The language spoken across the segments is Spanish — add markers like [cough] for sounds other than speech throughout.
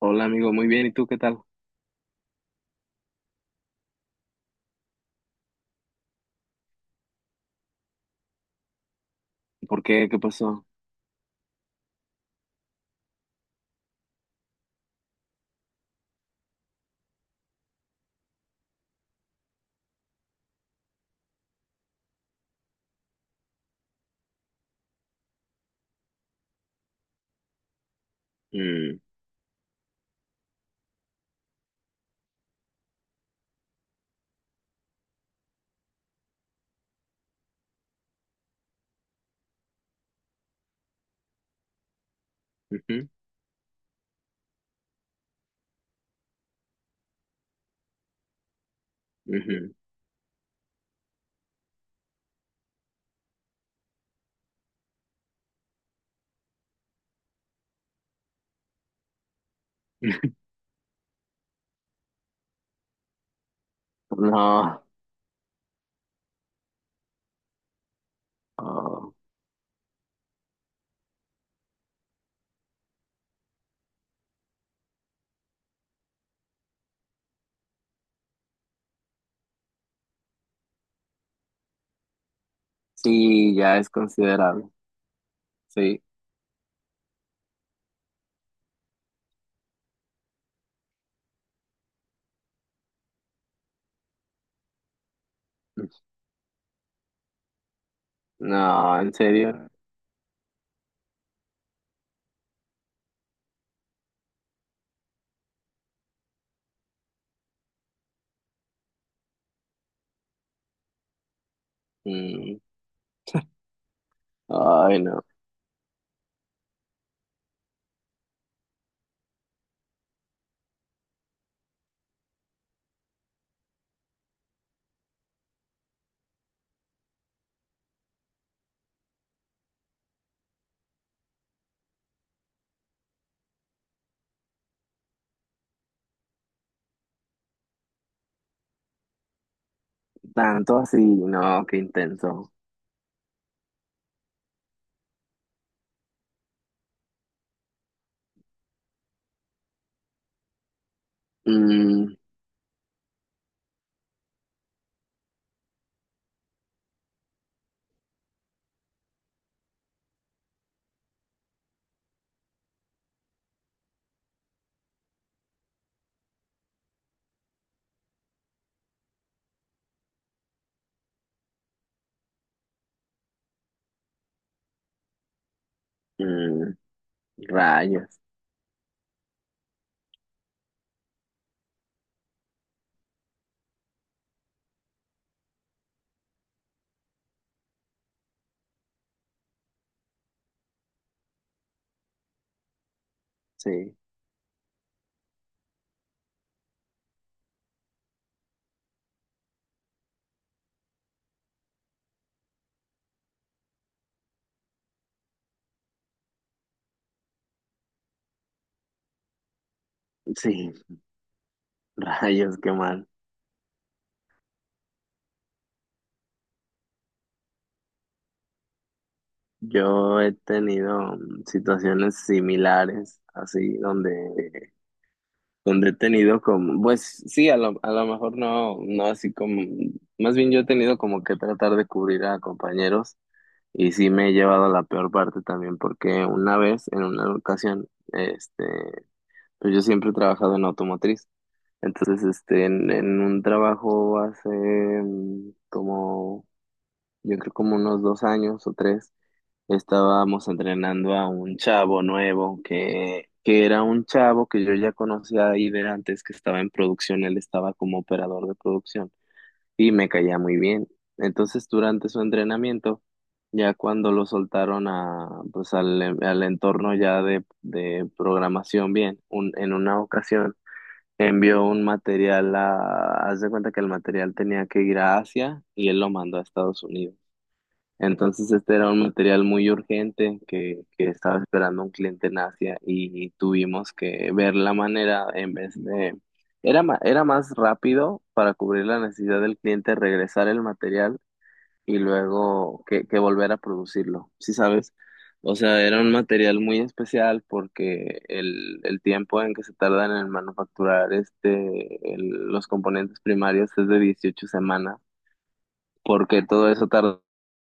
Hola amigo, muy bien, ¿y tú qué tal? ¿Por qué? ¿Qué pasó? Mm, ujú, ujú. [laughs] No, ah, sí, ya es considerable, sí. No, en serio. Mm, ay, no, tanto así, no, qué intenso. Mm, mm, rayos, sí, sí, [laughs] rayos, qué mal. Yo he tenido situaciones similares, así, donde son detenidos como, pues sí, a lo mejor no, no así como, más bien yo he tenido como que tratar de cubrir a compañeros y sí me he llevado a la peor parte también porque una vez, en una ocasión, este, pues yo siempre he trabajado en automotriz. Entonces este, en un trabajo hace como, yo creo como unos 2 años o tres, estábamos entrenando a un chavo nuevo que era un chavo que yo ya conocía ahí de antes, que estaba en producción, él estaba como operador de producción y me caía muy bien. Entonces, durante su entrenamiento, ya cuando lo soltaron a, pues al entorno ya de programación bien, en una ocasión envió un material a, haz de cuenta que el material tenía que ir a Asia y él lo mandó a Estados Unidos. Entonces este era un material muy urgente que estaba esperando un cliente en Asia y tuvimos que ver la manera en vez de... Era más rápido para cubrir la necesidad del cliente regresar el material y luego que volver a producirlo, ¿sí sabes? O sea, era un material muy especial porque el tiempo en que se tardan en manufacturar este, los componentes primarios es de 18 semanas porque todo eso tarda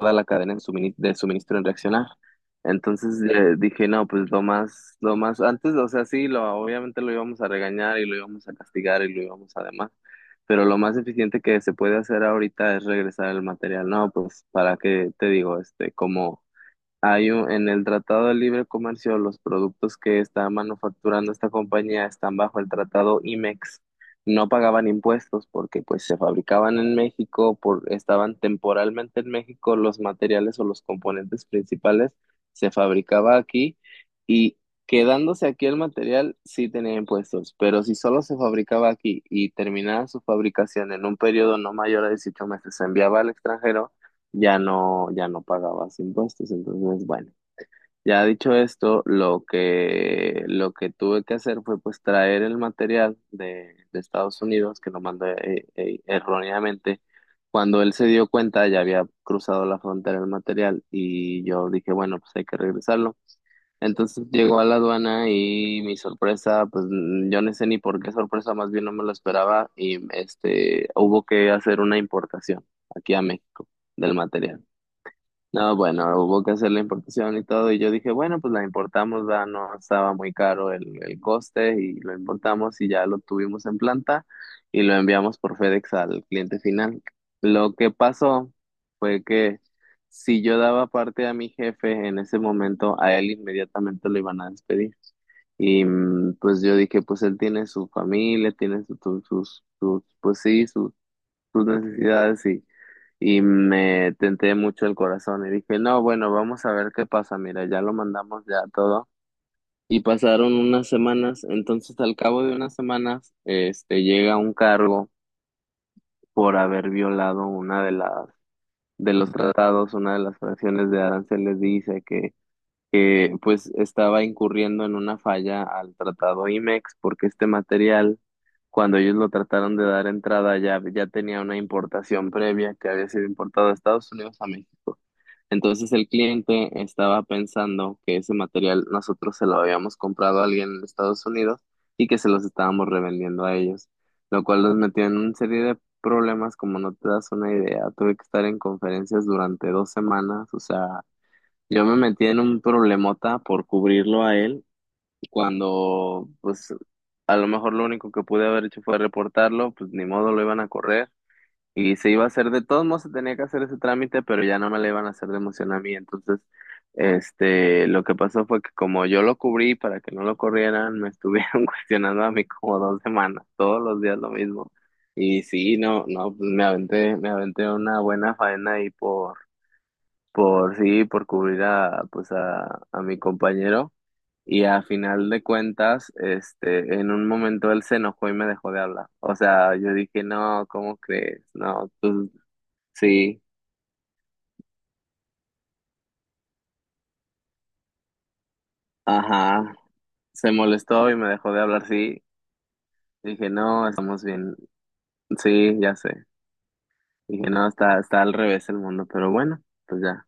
la cadena de suministro en reaccionar. Entonces dije, no, pues lo más, antes, o sea, sí, lo, obviamente lo íbamos a regañar y lo íbamos a castigar y lo íbamos además, pero lo más eficiente que se puede hacer ahorita es regresar el material, ¿no? Pues para qué te digo, este, como hay en el Tratado de Libre Comercio, los productos que está manufacturando esta compañía están bajo el Tratado IMEX. No pagaban impuestos porque pues se fabricaban en México, por, estaban temporalmente en México, los materiales o los componentes principales se fabricaba aquí y quedándose aquí el material sí tenía impuestos, pero si solo se fabricaba aquí y terminaba su fabricación en un periodo no mayor a 18 meses, se enviaba al extranjero ya no, ya no pagabas impuestos. Entonces, bueno, ya dicho esto, lo que tuve que hacer fue pues traer el material de Estados Unidos, que lo mandé erróneamente. Cuando él se dio cuenta, ya había cruzado la frontera el material y yo dije, bueno, pues hay que regresarlo. Entonces llegó a la aduana y mi sorpresa, pues yo no sé ni por qué sorpresa, más bien no me lo esperaba y este, hubo que hacer una importación aquí a México del material. No, bueno, hubo que hacer la importación y todo, y yo dije, bueno, pues la importamos, ¿verdad? No estaba muy caro el coste y lo importamos y ya lo tuvimos en planta y lo enviamos por FedEx al cliente final. Lo que pasó fue que si yo daba parte a mi jefe en ese momento, a él inmediatamente lo iban a despedir. Y pues yo dije, pues él tiene su familia, tiene sus, pues sí, sus necesidades y me tenté mucho el corazón y dije, no, bueno, vamos a ver qué pasa, mira, ya lo mandamos ya todo. Y pasaron unas semanas, entonces al cabo de unas semanas, este, llega un cargo por haber violado una de las, de los tratados, una de las fracciones de aranceles dice que pues estaba incurriendo en una falla al tratado IMEX porque este material cuando ellos lo trataron de dar entrada ya, ya tenía una importación previa que había sido importada de Estados Unidos a México. Entonces el cliente estaba pensando que ese material nosotros se lo habíamos comprado a alguien en Estados Unidos y que se los estábamos revendiendo a ellos, lo cual nos metió en una serie de problemas como no te das una idea. Tuve que estar en conferencias durante 2 semanas, o sea, yo me metí en un problemota por cubrirlo a él cuando pues a lo mejor lo único que pude haber hecho fue reportarlo, pues ni modo lo iban a correr. Y se iba a hacer, de todos modos se tenía que hacer ese trámite, pero ya no me le iban a hacer de emoción a mí. Entonces, este, lo que pasó fue que como yo lo cubrí para que no lo corrieran, me estuvieron [laughs] cuestionando a mí como 2 semanas, todos los días lo mismo. Y sí, no, no, pues me aventé una buena faena ahí por, sí, por cubrir a, pues a mi compañero. Y a final de cuentas, este, en un momento él se enojó y me dejó de hablar. O sea, yo dije, no, ¿cómo crees? No, tú, sí, ajá. Se molestó y me dejó de hablar, sí. Dije, no, estamos bien. Sí, ya sé. Dije, no, está, está al revés el mundo, pero bueno, pues ya.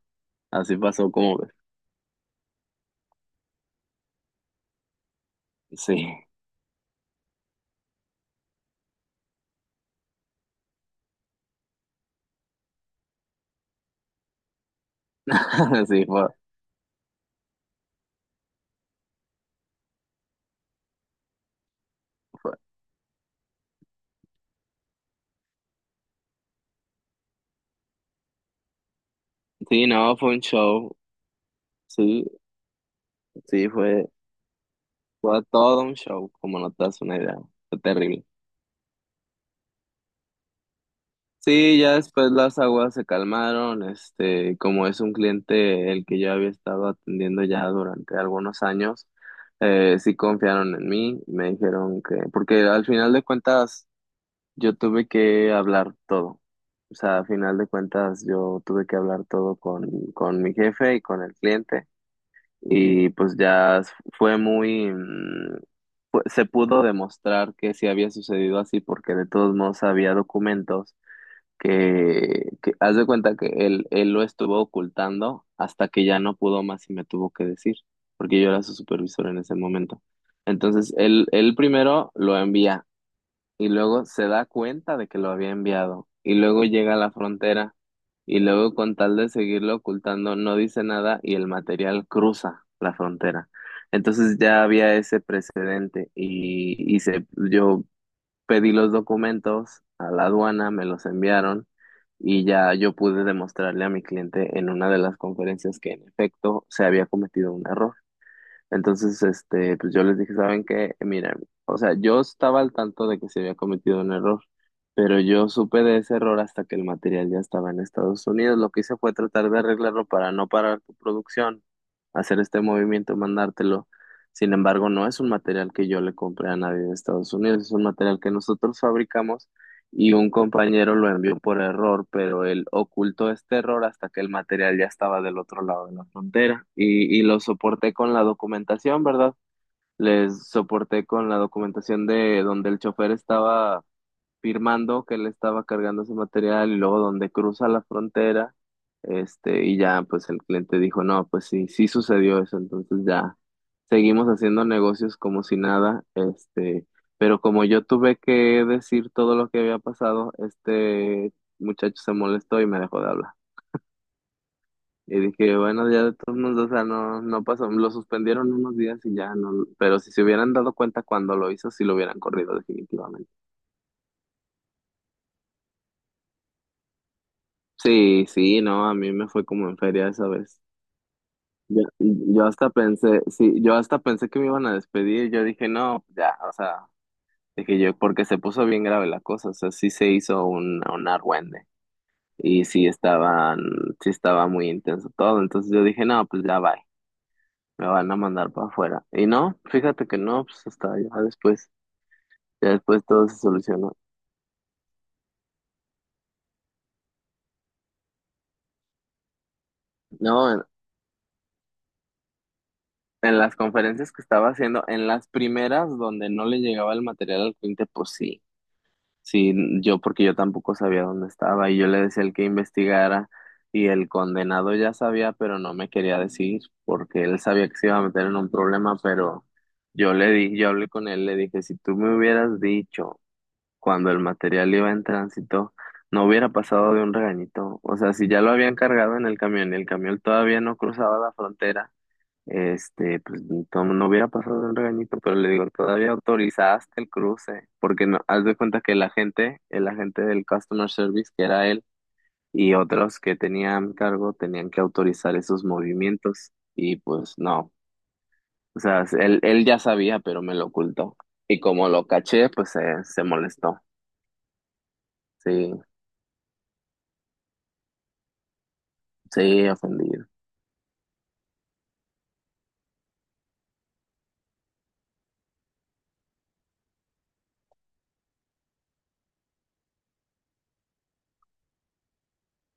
Así pasó como ves. Sí, [laughs] sí, fue- sí, no, fue un show. Sí, sí, fue todo un show, como no te das una idea. Fue terrible. Sí, ya después las aguas se calmaron, este, como es un cliente el que yo había estado atendiendo ya durante algunos años, sí confiaron en mí, me dijeron que, porque al final de cuentas yo tuve que hablar todo, o sea, al final de cuentas yo tuve que hablar todo con, mi jefe y con el cliente, y pues ya s- fue muy, mm, fue- se pudo demostrar que sí había sucedido así porque de todos modos había documentos que haz de cuenta que él lo estuvo ocultando hasta que ya no pudo más y me tuvo que decir, porque yo era su supervisor en ese momento. Entonces, él primero lo envía y luego se da cuenta de que lo había enviado y luego llega a la frontera y luego con tal de seguirlo ocultando no dice nada y el material cruza la frontera. Entonces ya había ese precedente yo pedí los documentos a la aduana, me los enviaron y ya yo pude demostrarle a mi cliente en una de las conferencias que en efecto se había cometido un error. Entonces, este, pues yo les dije, ¿saben qué? Miren, o sea, yo estaba al tanto de que se había cometido un error, pero yo supe de ese error hasta que el material ya estaba en Estados Unidos. Lo que hice fue tratar de arreglarlo para no parar tu producción, hacer este movimiento, mandártelo. Sin embargo, no es un material que yo le compré a nadie de Estados Unidos, es un material que nosotros fabricamos y un compañero lo envió por error, pero él ocultó este error hasta que el material ya estaba del otro lado de la frontera y lo soporté con la documentación, ¿verdad? Les soporté con la documentación de donde el chofer estaba firmando que él estaba cargando ese material y luego donde cruza la frontera, este, y ya pues el cliente dijo, no, pues sí, sí sucedió eso, entonces ya seguimos haciendo negocios como si nada, este, pero como yo tuve que decir todo lo que había pasado, este muchacho se molestó y me dejó de hablar. Y dije, bueno, ya de todos modos, o sea, no, no pasó, lo suspendieron unos días y ya no, pero si se hubieran dado cuenta cuando lo hizo, sí lo hubieran corrido definitivamente. Sí, sí, no, a mí me fue como en feria esa vez. Yo hasta pensé, sí, yo hasta pensé que me iban a despedir. Yo dije, no, ya, o sea, dije yo, porque se puso bien grave la cosa, o sea, sí se hizo un argüende y sí estaba muy intenso todo. Entonces yo dije, no, pues ya bye, me van a mandar para afuera. Y no, fíjate que no, pues hasta ya después todo se solucionó. No, en las conferencias que estaba haciendo, en las primeras donde no le llegaba el material al cliente, pues sí. Sí, yo porque yo tampoco sabía dónde estaba y yo le decía al que investigara y el condenado ya sabía, pero no me quería decir porque él sabía que se iba a meter en un problema, pero yo le di, yo hablé con él, le dije, si tú me hubieras dicho cuando el material iba en tránsito, no hubiera pasado de un regañito. O sea, si ya lo habían cargado en el camión y el camión todavía no cruzaba la frontera. Este, pues no, no hubiera pasado el regañito, pero le digo, todavía autorizaste el cruce, porque no, haz de cuenta que el agente del customer service, que era él, y otros que tenían cargo, tenían que autorizar esos movimientos, y pues no, o sea, él ya sabía, pero me lo ocultó, y como lo caché, pues se molestó, sí, sí, ofendido.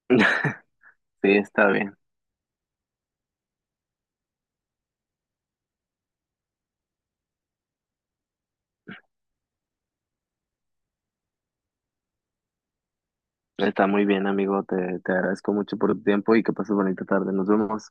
[laughs] Sí, está bien, está muy bien, amigo, te agradezco mucho por tu tiempo y que pases bonita tarde, nos vemos.